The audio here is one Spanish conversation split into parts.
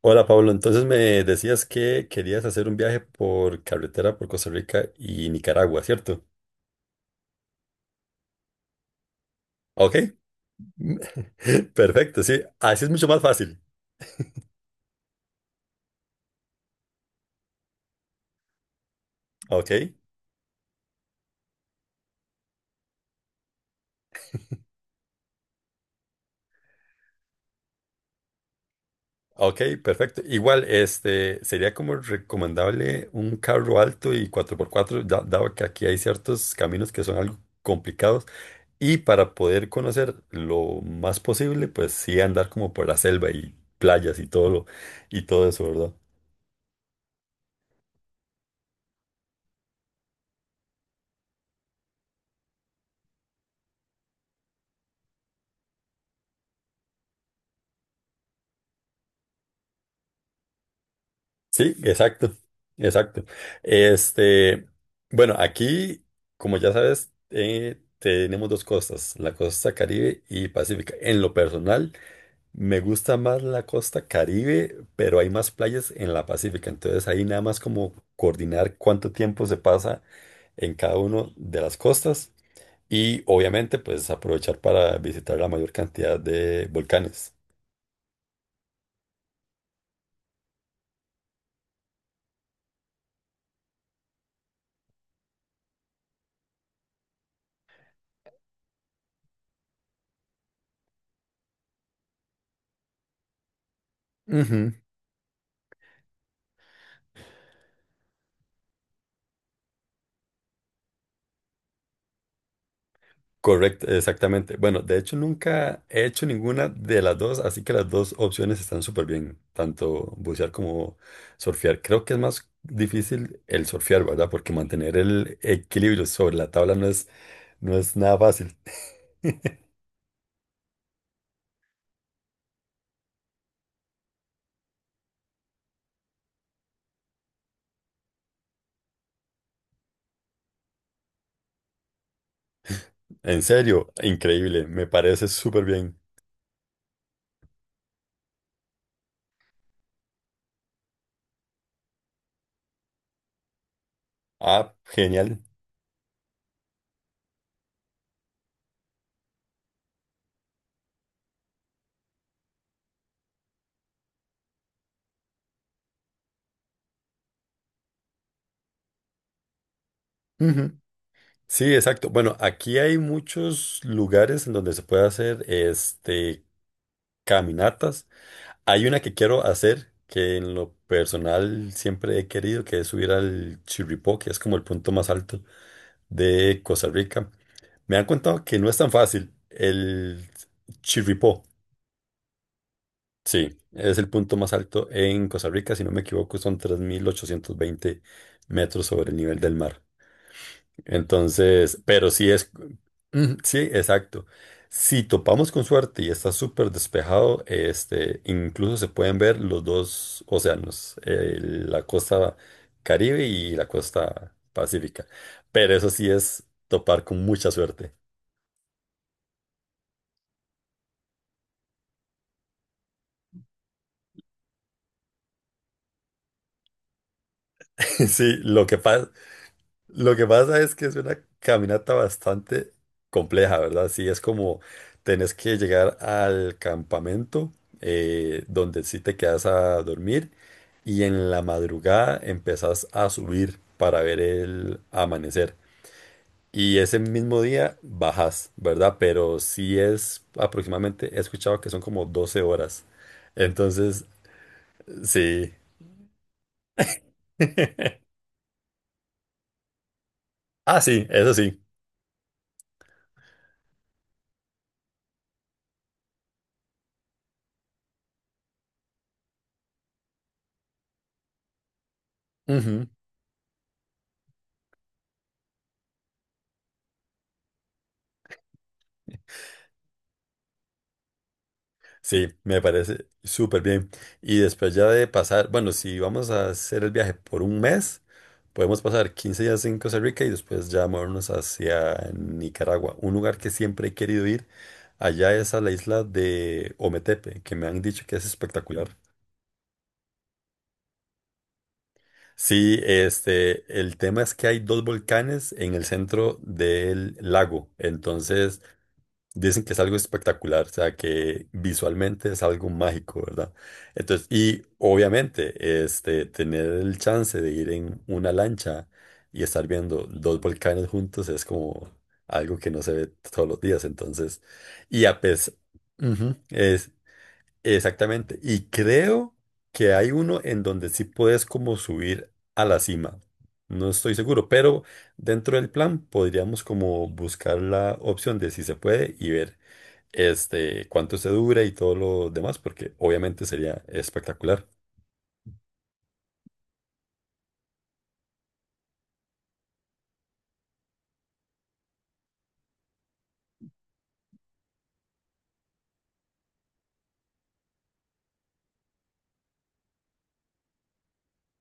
Hola Pablo, entonces me decías que querías hacer un viaje por carretera por Costa Rica y Nicaragua, ¿cierto? Ok, perfecto, sí, así es mucho más fácil. Ok, ok, perfecto. Igual, sería como recomendable un carro alto y cuatro por cuatro, dado que aquí hay ciertos caminos que son algo complicados y para poder conocer lo más posible, pues sí andar como por la selva y playas y todo lo, y todo eso, ¿verdad? Sí, exacto, exacto. Este, bueno, aquí, como ya sabes, tenemos dos costas, la costa Caribe y Pacífica. En lo personal, me gusta más la costa Caribe, pero hay más playas en la Pacífica. Entonces ahí nada más como coordinar cuánto tiempo se pasa en cada uno de las costas y obviamente pues aprovechar para visitar la mayor cantidad de volcanes. Ujú. Correcto, exactamente. Bueno, de hecho nunca he hecho ninguna de las dos, así que las dos opciones están súper bien, tanto bucear como surfear. Creo que es más difícil el surfear, ¿verdad? Porque mantener el equilibrio sobre la tabla no es, no es nada fácil. En serio, increíble, me parece súper bien. Ah, genial. Ujú. Sí, exacto. Bueno, aquí hay muchos lugares en donde se puede hacer caminatas. Hay una que quiero hacer que en lo personal siempre he querido, que es subir al Chirripó, que es como el punto más alto de Costa Rica. Me han contado que no es tan fácil. El Chirripó, sí, es el punto más alto en Costa Rica, si no me equivoco, son 3.820 metros sobre el nivel del mar. Entonces, pero sí es, mm, sí, exacto. Si topamos con suerte y está súper despejado, incluso se pueden ver los dos océanos, la costa Caribe y la costa Pacífica. Pero eso sí es topar con mucha suerte. Sí, lo que pasa es que es una caminata bastante compleja, ¿verdad? Sí, es como tenés que llegar al campamento, donde sí te quedas a dormir, y en la madrugada empezás a subir para ver el amanecer. Y ese mismo día bajas, ¿verdad? Pero sí es aproximadamente, he escuchado que son como 12 horas. Entonces, sí. Ah, sí, eso sí. Sí, me parece súper bien. Y después ya de pasar, bueno, si vamos a hacer el viaje por un mes, podemos pasar 15 días en Costa Rica y después ya movernos hacia Nicaragua, un lugar que siempre he querido ir. Allá es a la isla de Ometepe, que me han dicho que es espectacular. Sí, el tema es que hay dos volcanes en el centro del lago, entonces dicen que es algo espectacular, o sea, que visualmente es algo mágico, ¿verdad? Entonces, y obviamente, tener el chance de ir en una lancha y estar viendo dos volcanes juntos es como algo que no se ve todos los días, entonces, y a pesar, es exactamente, y creo que hay uno en donde sí puedes como subir a la cima. No estoy seguro, pero dentro del plan podríamos como buscar la opción de si se puede y ver, cuánto se dura y todo lo demás, porque obviamente sería espectacular.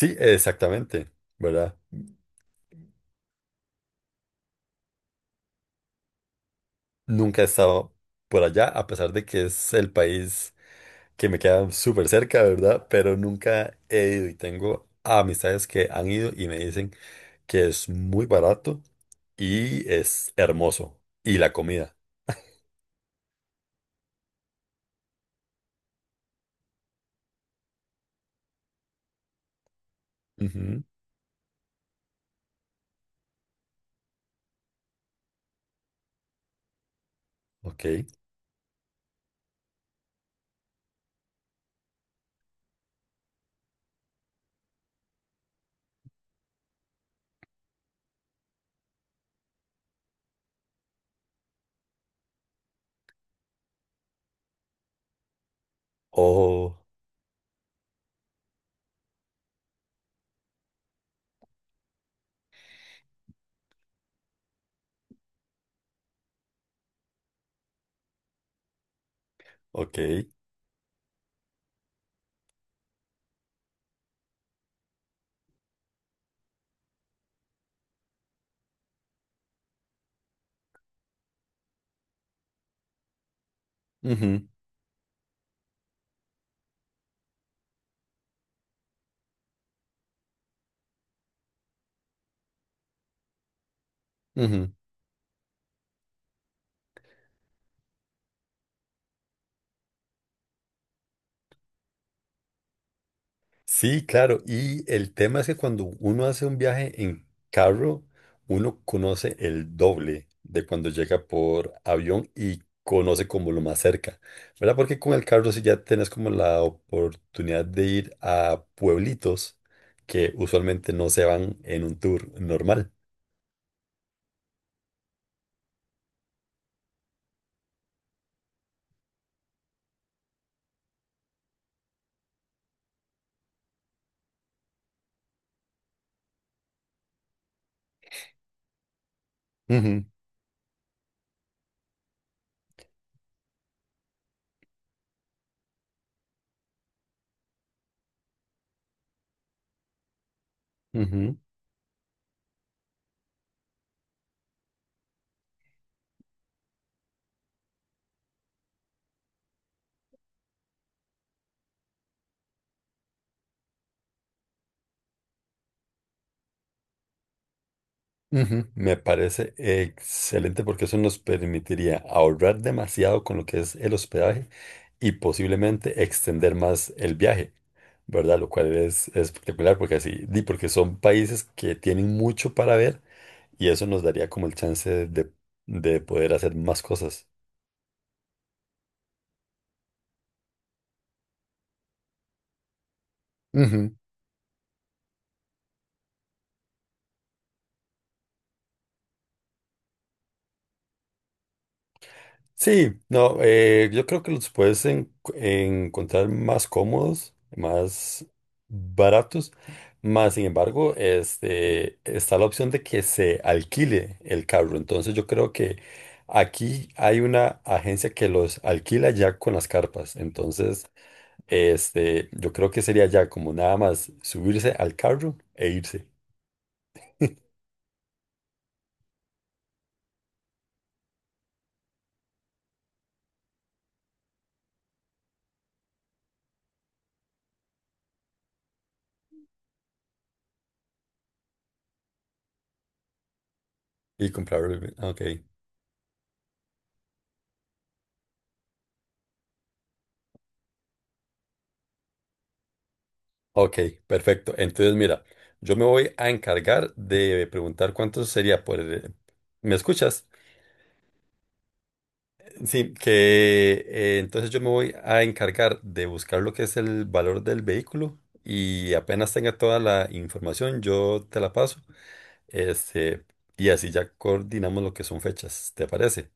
Sí, exactamente, ¿verdad? Nunca he estado por allá, a pesar de que es el país que me queda súper cerca, ¿verdad? Pero nunca he ido y tengo amistades que han ido y me dicen que es muy barato y es hermoso. Y la comida. Ujú, ok. Oh, ok. Ujú, ujú. Sí, claro. Y el tema es que cuando uno hace un viaje en carro, uno conoce el doble de cuando llega por avión y conoce como lo más cerca, ¿verdad? Porque con el carro sí ya tenés como la oportunidad de ir a pueblitos que usualmente no se van en un tour normal. Ujú, ujú, ujú. Me parece excelente porque eso nos permitiría ahorrar demasiado con lo que es el hospedaje y posiblemente extender más el viaje, ¿verdad? Lo cual es espectacular porque así, di, porque son países que tienen mucho para ver y eso nos daría como el chance de poder hacer más cosas. Sí, no, yo creo que los puedes encontrar más cómodos, más baratos, más sin embargo, está la opción de que se alquile el carro. Entonces yo creo que aquí hay una agencia que los alquila ya con las carpas. Entonces, yo creo que sería ya como nada más subirse al carro e irse y comprarlo. Ah, ok. Ok, perfecto. Entonces, mira, yo me voy a encargar de preguntar cuánto sería por... ¿Me escuchas? Sí, que entonces yo me voy a encargar de buscar lo que es el valor del vehículo y apenas tenga toda la información, yo te la paso. Este, y así ya coordinamos lo que son fechas, ¿te parece?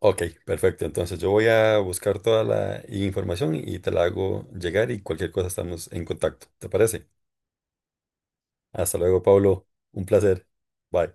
Ok, perfecto. Entonces yo voy a buscar toda la información y te la hago llegar y cualquier cosa estamos en contacto, ¿te parece? Hasta luego, Pablo. Un placer. Bye.